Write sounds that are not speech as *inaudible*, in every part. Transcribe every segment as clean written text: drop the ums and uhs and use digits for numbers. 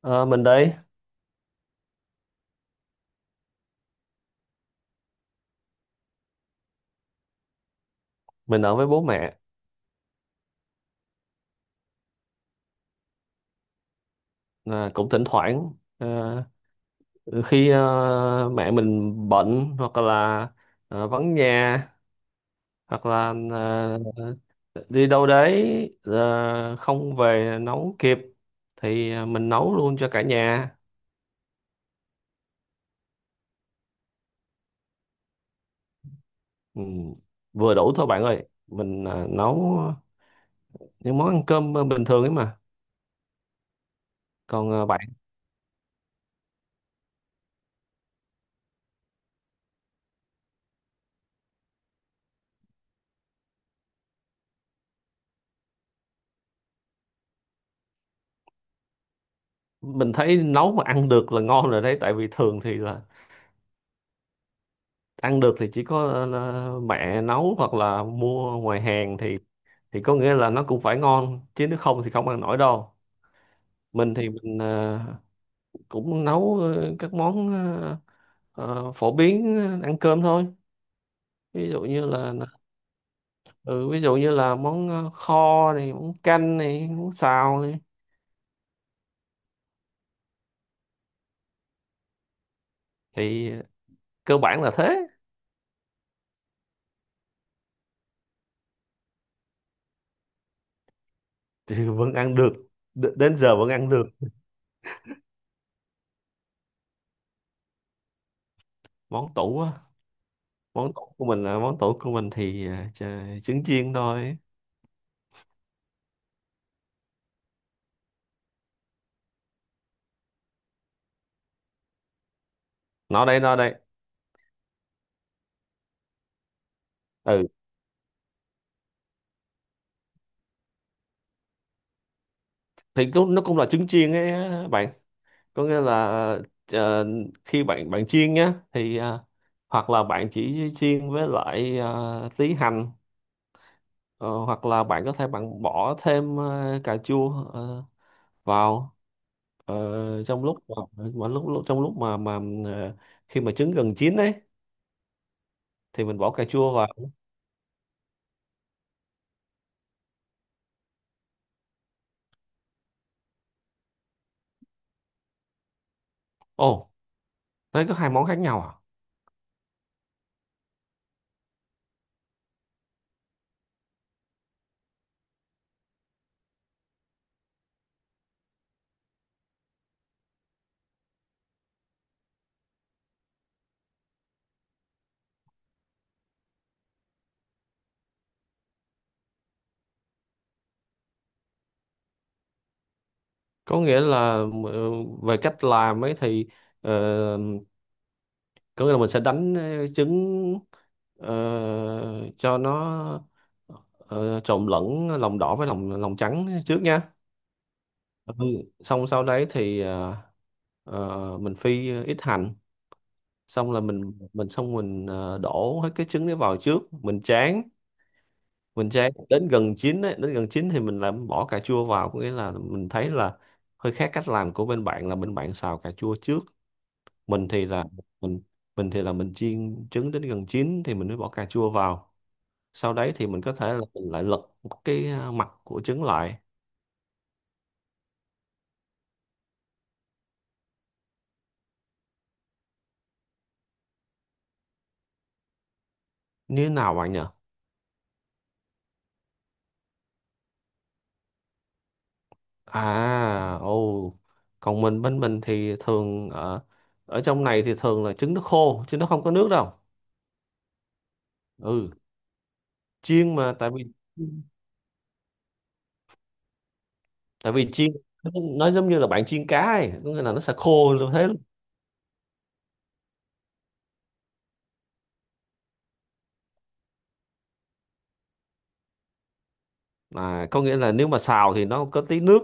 Ờ, mình đây, mình ở với bố mẹ, à, cũng thỉnh thoảng à, khi à, mẹ mình bệnh hoặc là à, vắng nhà hoặc là à, đi đâu đấy à, không về nấu kịp thì à, mình nấu luôn cho cả nhà. Ừ, vừa đủ thôi bạn ơi, mình à, nấu những món ăn cơm bình thường ấy mà. Còn à, bạn, mình thấy nấu mà ăn được là ngon rồi đấy, tại vì thường thì là ăn được thì chỉ có mẹ nấu hoặc là mua ngoài hàng thì có nghĩa là nó cũng phải ngon chứ nếu không thì không ăn nổi đâu. Mình thì mình cũng nấu các món phổ biến ăn cơm thôi, ví dụ như là ừ, ví dụ như là món kho này, món canh này, món xào này thì cơ bản là thế. *laughs* Thì vẫn ăn được, đến giờ vẫn ăn được. Món tủ á? Món tủ của mình thì trứng chiên thôi. Nó đây, nó đây. Ừ thì cũng, nó cũng là trứng chiên ấy á bạn, có nghĩa là ờ, khi bạn bạn chiên nhá thì, hoặc là bạn chỉ chiên với lại tí hành, ờ, hoặc là bạn có thể bạn bỏ thêm cà chua vào trong lúc mà lúc trong lúc mà ờ, khi mà trứng gần chín ấy thì mình bỏ cà chua vào. Ồ, đấy có hai món khác nhau à? Có nghĩa là ờ, về cách làm ấy thì ờ, có nghĩa là mình sẽ đánh trứng, ờ, cho nó trộn lẫn lòng đỏ với lòng lòng trắng trước nha. Ừ. Xong sau đấy thì mình phi ít hành, xong là mình đổ hết cái trứng đấy vào trước mình tráng. Mình tráng đến gần chín ấy, đến gần chín thì mình làm bỏ cà chua vào, có nghĩa là mình thấy là hơi khác cách làm của bên bạn là bên bạn xào cà chua trước. Mình thì là mình chiên trứng đến gần chín thì mình mới bỏ cà chua vào, sau đấy thì mình có thể là mình lại lật cái à, mặt của trứng lại. Như thế nào bạn nhỉ? À, ồ, còn mình, bên mình thì thường ở ở trong này thì thường là trứng nó khô chứ nó không có nước đâu. Ừ, chiên mà tại vì chiên nó giống như là bạn chiên cá ấy, có nghĩa là nó sẽ khô như thế luôn. À, có nghĩa là nếu mà xào thì nó có tí nước,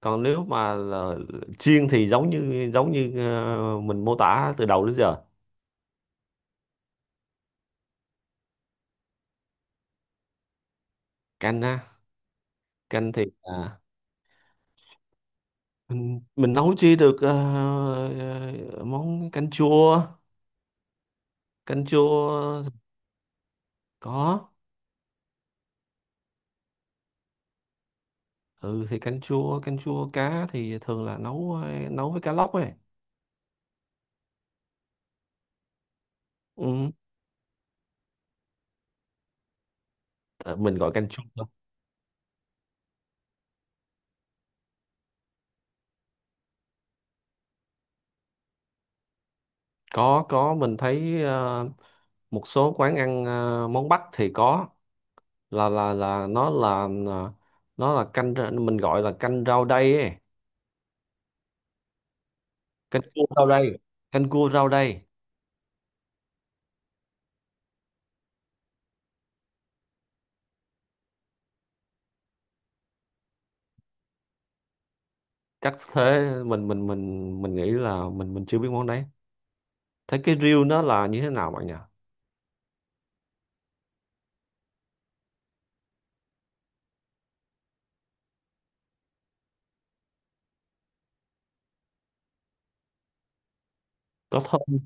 còn nếu mà là chiên thì giống như mình mô tả từ đầu đến giờ. Canh á? Canh thì à, mình nấu chi được ờ, món canh chua, canh chua. Có. Ừ thì canh chua, canh chua cá thì thường là nấu với cá lóc ấy. Ừ. ờ, mình gọi canh chua thôi. Có, mình thấy một số quán ăn món Bắc thì có, là nó là canh, mình gọi là canh rau đay ấy. Canh cua rau đây, canh cua rau đây. Chắc thế, mình nghĩ là mình chưa biết món đấy. Thế cái riêu nó là như thế nào bạn nhỉ? Có thơm.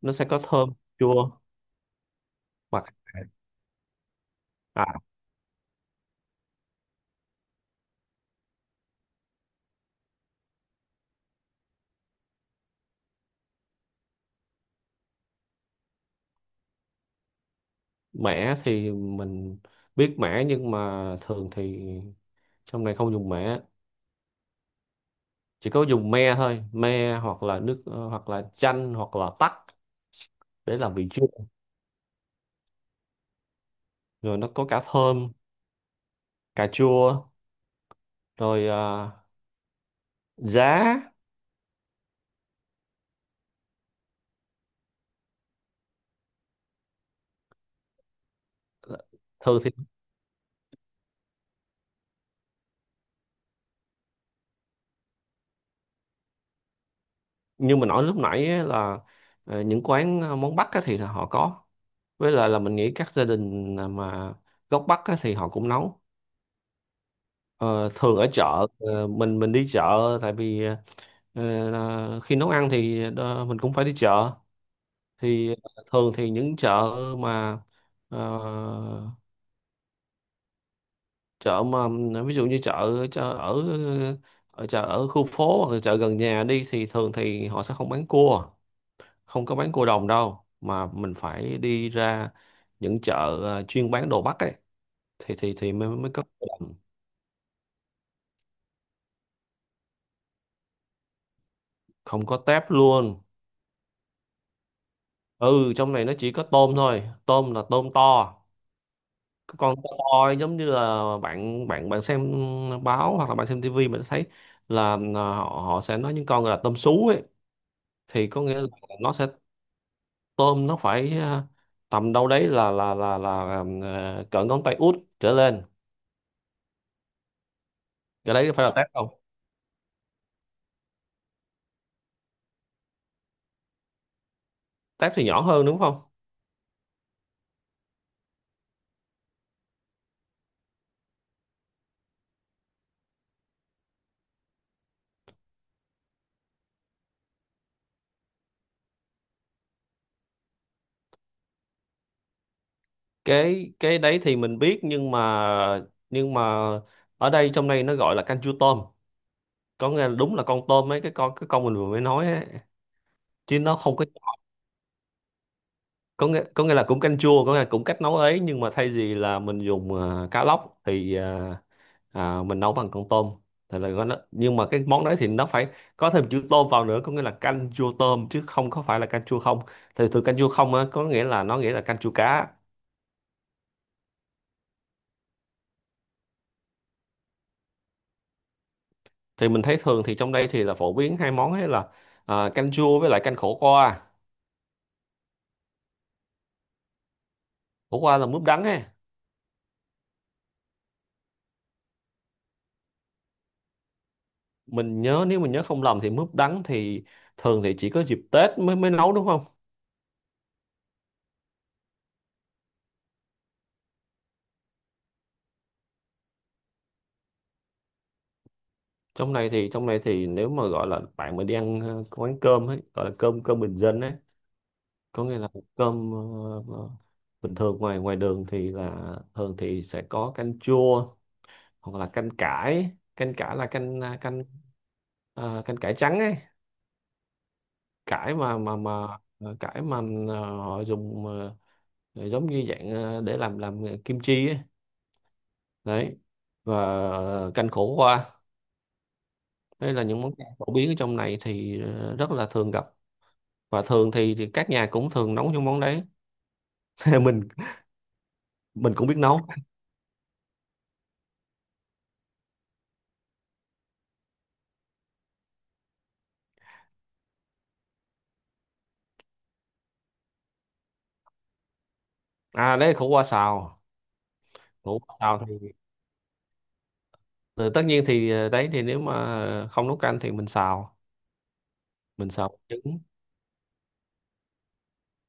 Nó sẽ có thơm, chua, và à, mẻ thì mình biết mẻ, nhưng mà thường thì trong này không dùng mẻ, chỉ có dùng me thôi, me hoặc là nước, hoặc là chanh hoặc là tắc, để làm vị chua, rồi nó có cả thơm, cà chua, rồi à, giá. Thường thì như mình nói lúc nãy á, là những quán món Bắc á, thì là họ có, với lại là mình nghĩ các gia đình mà gốc Bắc á, thì họ cũng nấu. Ờ, thường ở chợ, mình đi chợ, tại vì là khi nấu ăn thì mình cũng phải đi chợ. Thì thường thì những chợ mà ờ, chợ mà, ví dụ như chợ ở ở chợ ở khu phố hoặc là chợ gần nhà đi thì thường thì họ sẽ không bán cua, không có bán cua đồng đâu, mà mình phải đi ra những chợ chuyên bán đồ Bắc ấy thì mới mới có cua đồng. Không có tép luôn. Ừ, trong này nó chỉ có tôm thôi, tôm là tôm to. Cái con to to giống như là bạn bạn bạn xem báo hoặc là bạn xem tivi, mình thấy là họ họ sẽ nói những con là tôm sú ấy, thì có nghĩa là nó sẽ, tôm nó phải tầm đâu đấy là cỡ ngón tay út trở lên. Cái đấy phải là tép không? Tép thì nhỏ hơn đúng không? Cái đấy thì mình biết, nhưng mà nhưng mà ở đây, trong đây nó gọi là canh chua tôm, có nghĩa là đúng là con tôm ấy, cái con mình vừa mới nói ấy, chứ nó không có, có nghĩa, là cũng canh chua, có nghĩa là cũng cách nấu ấy nhưng mà thay vì là mình dùng à, cá lóc thì à, mình nấu bằng con tôm, thì là nó, nhưng mà cái món đấy thì nó phải có thêm chữ tôm vào nữa, có nghĩa là canh chua tôm chứ không có phải là canh chua không, thì từ canh chua không á có nghĩa là nó nghĩa là canh chua cá. Thì mình thấy thường thì trong đây thì là phổ biến hai món ấy là à, canh chua với lại canh khổ qua. Khổ qua là mướp đắng ấy. Mình nhớ, nếu mình nhớ không lầm thì mướp đắng thì thường thì chỉ có dịp Tết mới mới nấu đúng không? Trong này thì nếu mà gọi là bạn mà đi ăn quán cơm ấy gọi là cơm cơm bình dân ấy, có nghĩa là cơm ờ, bình thường, ngoài ngoài đường thì là thường thì sẽ có canh chua hoặc là canh cải, canh cải là canh à, canh canh cải trắng ấy, cải mà cải mà họ dùng giống như dạng để làm kim chi ấy. Đấy. Và canh khổ qua, đây là những món ăn phổ biến ở trong này thì rất là thường gặp, và thường thì, các nhà cũng thường nấu những món đấy. *laughs* mình mình cũng biết nấu. À đấy, khổ qua xào. Khổ qua xào thì ờ, tất nhiên thì đấy thì nếu mà không nấu canh thì mình xào, mình xào trứng,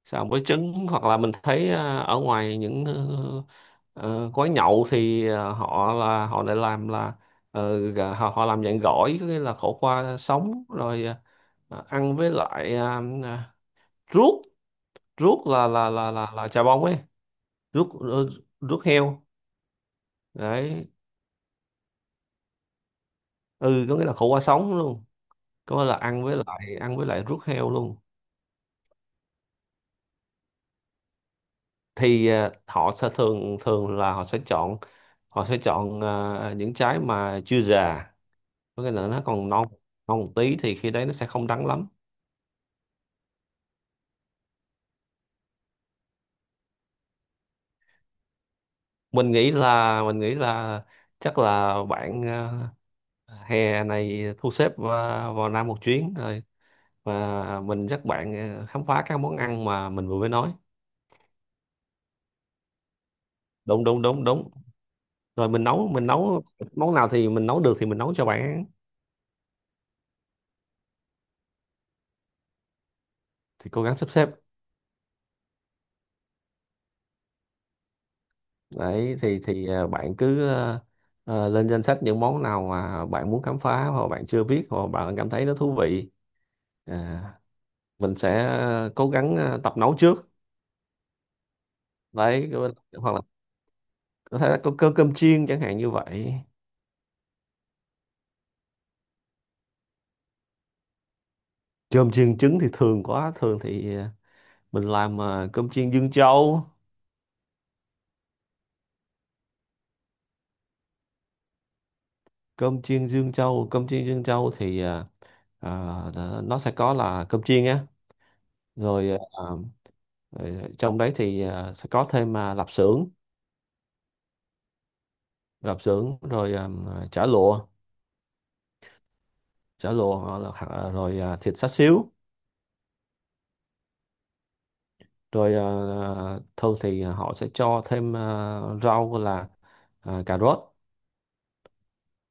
xào với trứng, hoặc là mình thấy ở ngoài những quán nhậu thì họ lại làm là họ họ làm dạng gỏi, có nghĩa là khổ qua sống rồi ăn với lại ruốc, ruốc là chà bông ấy, ruốc ruốc heo. Đấy. Ừ, có nghĩa là khổ qua sống luôn, có nghĩa là ăn với lại ruốc heo luôn. Thì họ sẽ thường thường là họ sẽ chọn những trái mà chưa già, có nghĩa là nó còn non, non một tí thì khi đấy nó sẽ không đắng lắm. Mình nghĩ là chắc là bạn hè này thu xếp vào Nam một chuyến, rồi và mình dắt bạn khám phá các món ăn mà mình vừa mới nói. Đúng đúng đúng đúng, rồi mình nấu, món nào thì mình nấu được thì mình nấu cho bạn ăn. Thì cố gắng sắp xếp. Đấy thì bạn cứ lên danh sách những món nào mà bạn muốn khám phá, hoặc bạn chưa biết, hoặc bạn cảm thấy nó thú vị. À, mình sẽ cố gắng tập nấu trước. Đấy, hoặc là có thể là có cơm cơm chiên chẳng hạn như vậy. Cơm chiên trứng thì thường quá. Thường thì mình làm cơm chiên Dương Châu. Cơm chiên Dương Châu. Cơm chiên Dương Châu thì nó sẽ có là cơm chiên á. Rồi rồi trong đấy thì sẽ có thêm lạp xưởng. Lạp xưởng, rồi chả lụa. Chả lụa rồi thịt xá xíu. Rồi thường thì họ sẽ cho thêm rau, là cà rốt.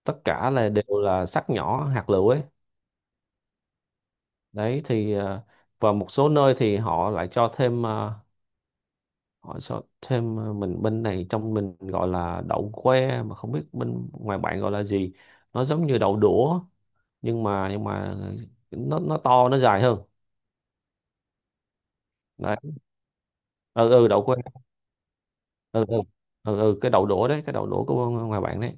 Tất cả là đều là sắc nhỏ hạt lựu ấy. Đấy thì và một số nơi thì họ lại cho thêm họ cho thêm mình bên này, trong mình gọi là đậu que, mà không biết bên ngoài bạn gọi là gì. Nó giống như đậu đũa, nhưng mà nó to, nó dài hơn. Đấy. Ừ, ừ, đậu que. Ừ, ừ, ừ, ừ, cái đậu đũa đấy, cái đậu đũa của ngoài bạn đấy.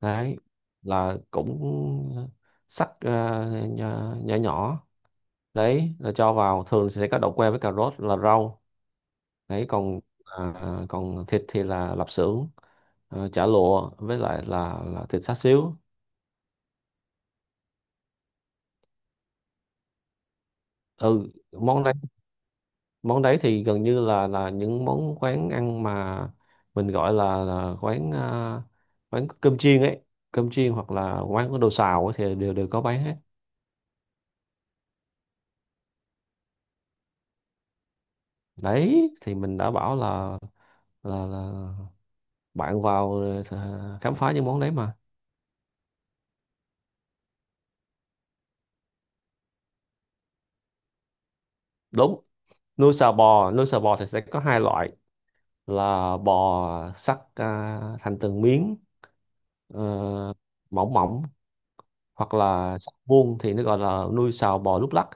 Đấy là cũng sắc nhỏ nhỏ nhỏ. Đấy là cho vào, thường sẽ có đậu que với cà rốt là rau. Đấy còn à, còn thịt thì là lạp xưởng, chả lụa, với lại là thịt xá xíu. Ừ, món đấy. Món đấy thì gần như là những món quán ăn mà mình gọi là quán à, quán cơm chiên ấy. Cơm chiên hoặc là quán có đồ xào ấy, thì đều đều có bán hết. Đấy thì mình đã bảo là bạn vào khám phá những món đấy mà. Đúng, nuôi sò bò. Nuôi sò bò thì sẽ có hai loại, là bò sắt à, thành từng miếng ờ, mỏng mỏng, hoặc là sắt vuông thì nó gọi là nuôi sò bò lúc lắc.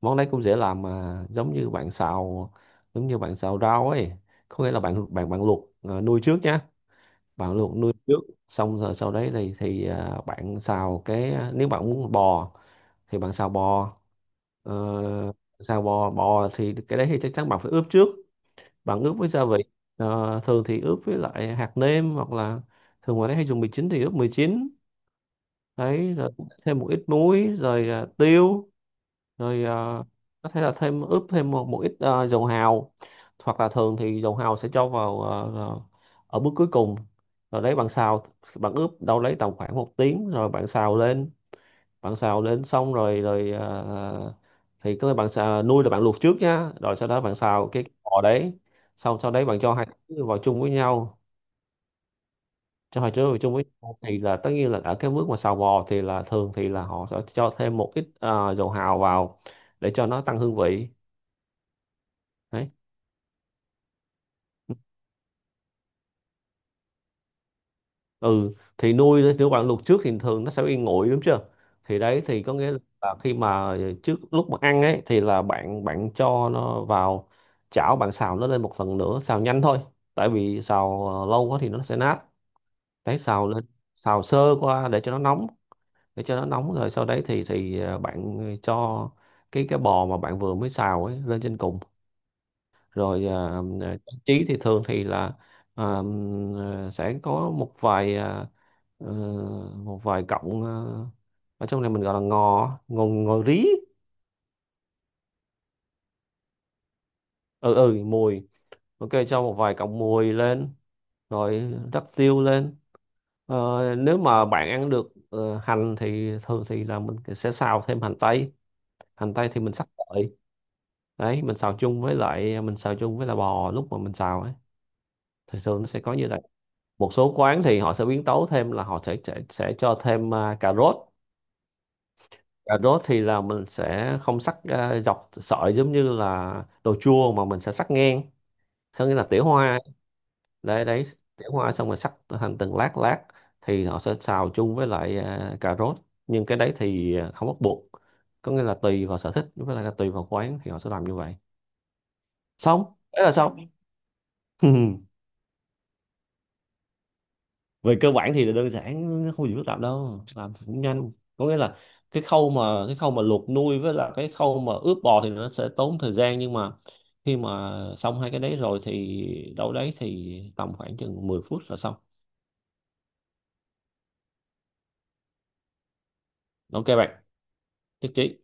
Món đấy cũng dễ làm, mà giống như bạn xào rau ấy. Có nghĩa là bạn bạn bạn luộc à, nuôi trước nhá. Bạn luộc nuôi trước, xong rồi sau đấy thì à, bạn xào cái à, nếu bạn muốn bò thì bạn xào bò. Ờ, xào bò bò thì cái đấy thì chắc chắn bạn phải ướp trước. Bạn ướp với gia vị. Ờ, thường thì ướp với lại hạt nêm, hoặc là thường ngoài đấy hay dùng mì chính thì ướp mì chín. Đấy, rồi thêm một ít muối, rồi à, tiêu. Rồi có thể là thêm ướp thêm một ít dầu hào, hoặc là thường thì dầu hào sẽ cho vào ở bước cuối cùng. Rồi đấy bạn xào, bạn ướp đâu lấy tầm khoảng 1 tiếng rồi bạn xào lên. Bạn xào lên xong rồi rồi ờ, thì cái bạn xào, nuôi là bạn luộc trước nhá, rồi sau đó bạn xào cái bò đấy. Xong sau đấy bạn cho hai thứ vào chung với nhau. Cho hai thứ vào chung với nhau thì là tất nhiên là ở cái bước mà xào bò thì là thường thì là họ sẽ cho thêm một ít dầu hào vào, để cho nó tăng hương vị. Đấy. Ừ, thì nuôi nếu bạn luộc trước thì thường nó sẽ bị nguội, đúng chưa. Thì đấy thì có nghĩa là khi mà trước lúc mà ăn ấy, thì là bạn bạn cho nó vào chảo, bạn xào nó lên một lần nữa, xào nhanh thôi. Tại vì xào lâu quá thì nó sẽ nát. Đấy, xào lên, xào sơ qua để cho nó nóng. Để cho nó nóng rồi sau đấy thì bạn cho cái bò mà bạn vừa mới xào ấy lên trên cùng. Rồi trang trí thì thường thì là à, sẽ có ờ, một vài cọng à, ở trong này mình gọi là ngò ngò ngò rí. Ừ, ừ, mùi. Ok, cho một vài cọng mùi lên. Rồi rắc tiêu lên. Ờ, nếu mà bạn ăn được hành thì thường thì là mình sẽ xào thêm hành tây. Hành tây thì mình sắc sợi. Đấy, mình xào chung với là bò lúc mà mình xào ấy, thì thường nó sẽ có như vậy. Một số quán thì họ sẽ biến tấu thêm là họ sẽ cho thêm à, cà rốt. Cà rốt thì là mình sẽ không sắc à, dọc sợi giống như là đồ chua, mà mình sẽ sắc ngang, có nghĩa là tỉa hoa. Đấy, đấy, tỉa hoa xong rồi sắc thành từng lát lát, thì họ sẽ xào chung với lại à, cà rốt. Nhưng cái đấy thì à, không bắt buộc. Có nghĩa là tùy vào sở thích với lại là tùy vào quán thì họ sẽ làm như vậy. Xong đấy là xong. *laughs* Về cơ bản thì là đơn giản, nó không gì phức tạp đâu, làm cũng nhanh. Có nghĩa là cái khâu mà luộc nuôi với là cái khâu mà ướp bò thì nó sẽ tốn thời gian, nhưng mà khi mà xong hai cái đấy rồi thì đâu đấy thì tầm khoảng chừng 10 phút là xong. Ok bạn, nhất trí.